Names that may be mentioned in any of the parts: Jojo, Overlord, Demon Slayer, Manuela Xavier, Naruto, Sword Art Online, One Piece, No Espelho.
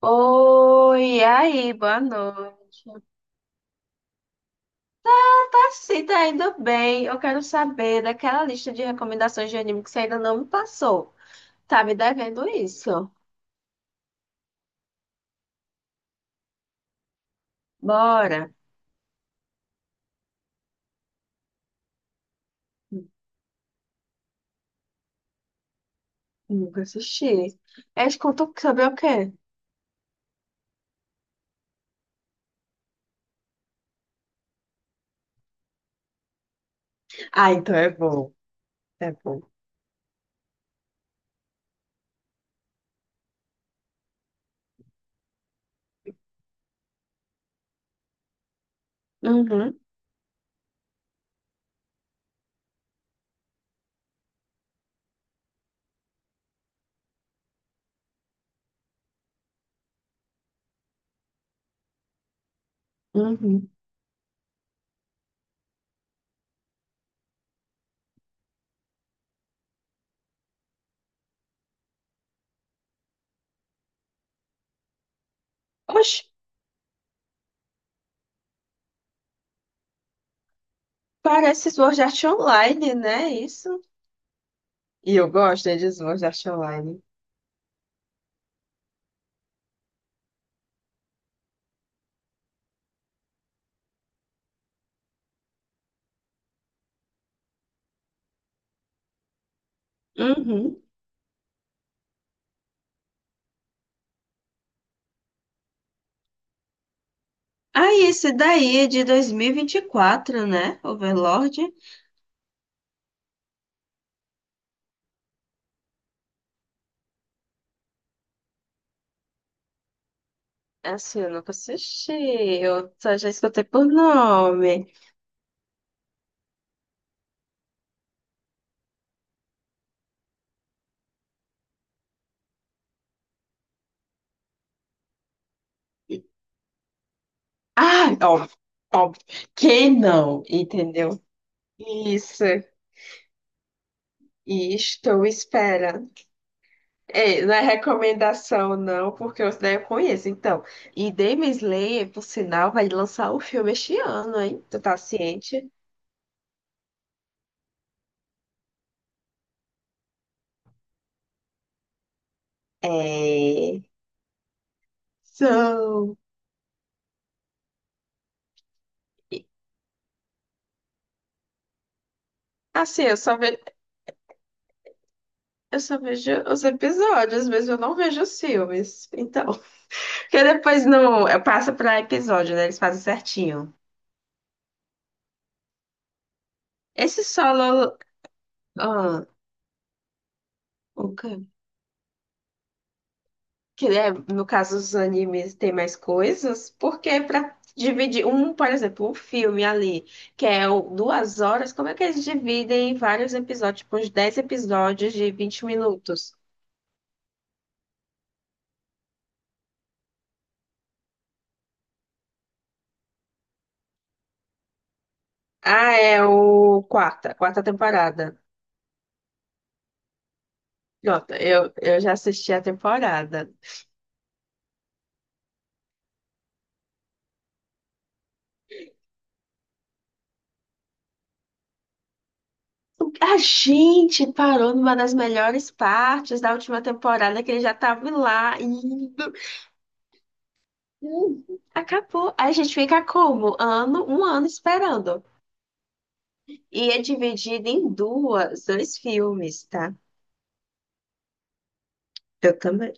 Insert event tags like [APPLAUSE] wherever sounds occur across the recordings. Oi, e aí, boa noite. Tá sim, tá indo bem. Eu quero saber daquela lista de recomendações de anime que você ainda não me passou. Tá me devendo isso. Bora. Nunca assisti. É contam sobre o quê? Ah, então é bom. É bom. Uhum, uhum. Oxe, parece Sword Art Online, né? Isso. E eu gosto né, de Sword Art Online. Uhum. Ah, esse daí é de 2024, né? Overlord. Assim, eu nunca assisti, eu só já escutei por nome. Ah, óbvio, óbvio. Quem não, entendeu? Isso, e estou esperando. Ei, não é recomendação, não, porque eu né, eu conheço. Então, e Demon Slayer, por sinal, vai lançar o filme este ano, hein? Tu tá ciente? É. São. E, assim, eu só vejo os episódios, mas eu não vejo os filmes. Então. Porque depois no, passa passo pra episódio, né? Eles fazem certinho. Esse solo. Ah, o que que é, no caso, os animes tem mais coisas, porque pra dividir um, por exemplo, um filme ali, 2 horas, como é que eles dividem em vários episódios, tipo, uns 10 episódios de 20 minutos? Ah, é o quarta temporada. Pronto, eu já assisti a temporada. A gente parou numa das melhores partes da última temporada, que ele já tava lá indo. Hum, Acabou. Aí a gente fica como? Um ano esperando. E é dividido em dois filmes, tá? Eu também.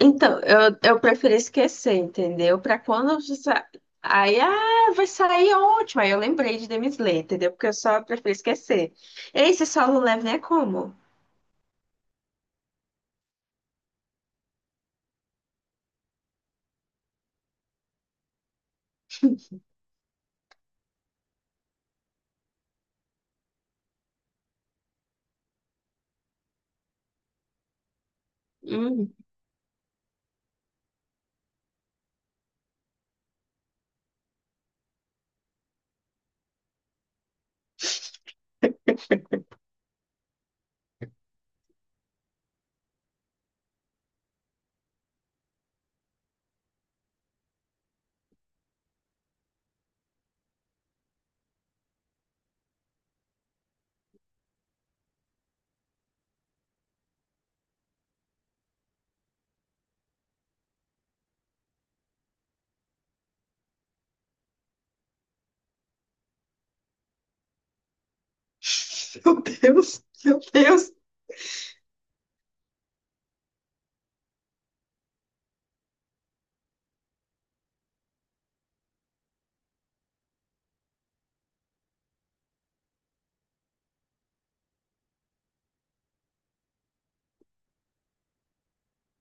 Então, eu prefiro esquecer, entendeu? Pra quando. Aí, ah, vai sair ótimo. Aí eu lembrei de Demon Slayer, entendeu? Porque eu só prefiro esquecer. Esse solo leve é como? Hum. [LAUGHS] Meu Deus, meu Deus.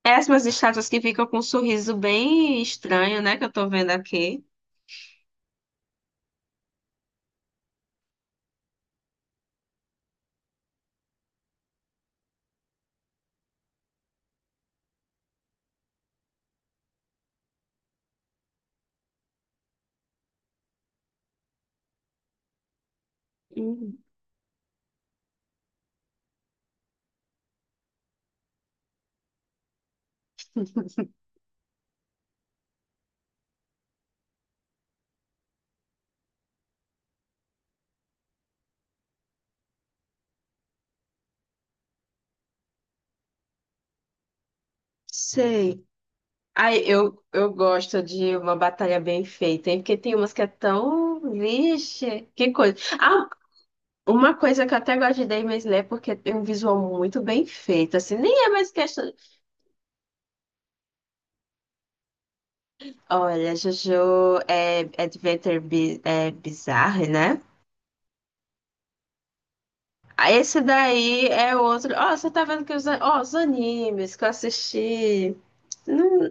Péssimas estátuas que ficam com um sorriso bem estranho, né? Que eu tô vendo aqui. Hum, sei. Ai, eu gosto de uma batalha bem feita, hein? Porque tem umas que é tão. Vixe, que coisa. Ah, uma coisa que eu até gosto de Demon Slayer é porque tem um visual muito bem feito. Assim, nem é mais questão. Olha, Jojo é Adventure bi é Bizarre, né? Ah, esse daí é outro. Ó, você tá vendo que ó, os animes que eu assisti. Não,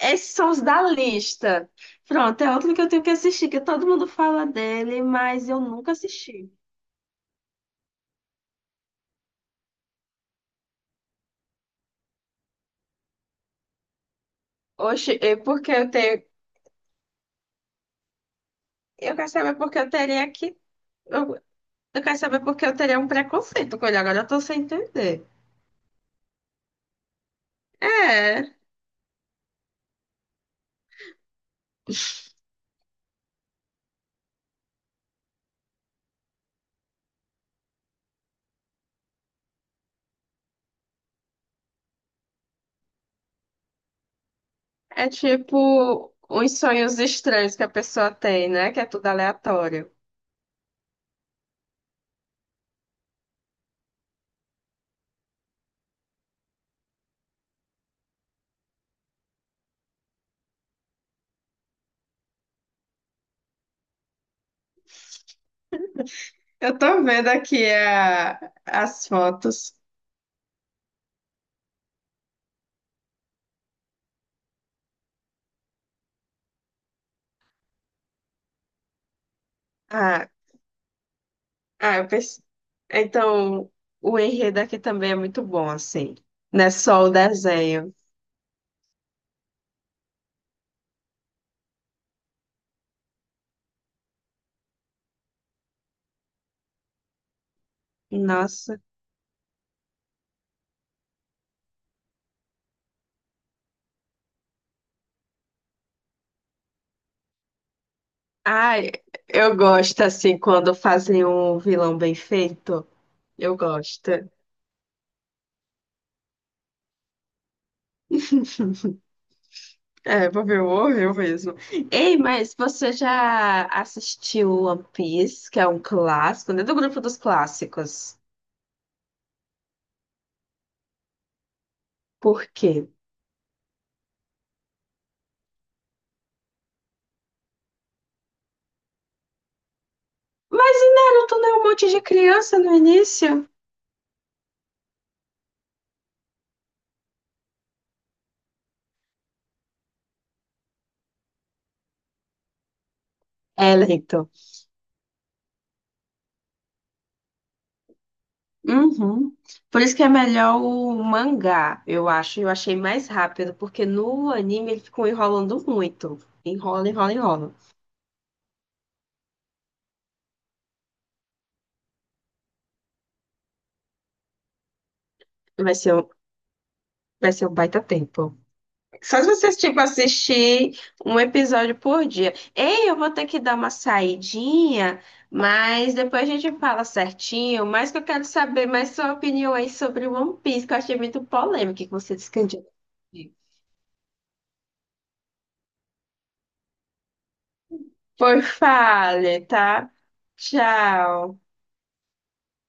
esses são os da lista. Pronto, é outro que eu tenho que assistir, que todo mundo fala dele, mas eu nunca assisti. Oxe, é porque eu tenho. Eu quero saber porque eu teria que. Eu, eu quero saber porque eu teria um preconceito com ele. Agora eu tô sem entender. É, é tipo uns sonhos estranhos que a pessoa tem, né? Que é tudo aleatório. Eu tô vendo aqui as fotos. Ah. Ah, eu pense. Então, o enredo aqui também é muito bom, assim. Não é só o desenho. Nossa. Ai, eu gosto, assim, quando fazem um vilão bem feito. Eu gosto. É, vou ver o horror mesmo. Ei, mas você já assistiu One Piece, que é um clássico, né? Do grupo dos clássicos. Por quê? Mas e Naruto não é um monte de criança no início? É, lento. Uhum. Por isso que é melhor o mangá, eu acho. Eu achei mais rápido, porque no anime ele ficou enrolando muito. Enrola, enrola, enrola. Vai ser um, vai ser um baita tempo. Só se vocês, tipo, assistir um episódio por dia. Ei, eu vou ter que dar uma saidinha, mas depois a gente fala certinho. Mas que eu quero saber mais sua opinião aí sobre One Piece, que eu achei muito polêmico que você descreveu. Por fale, tá? Tchau.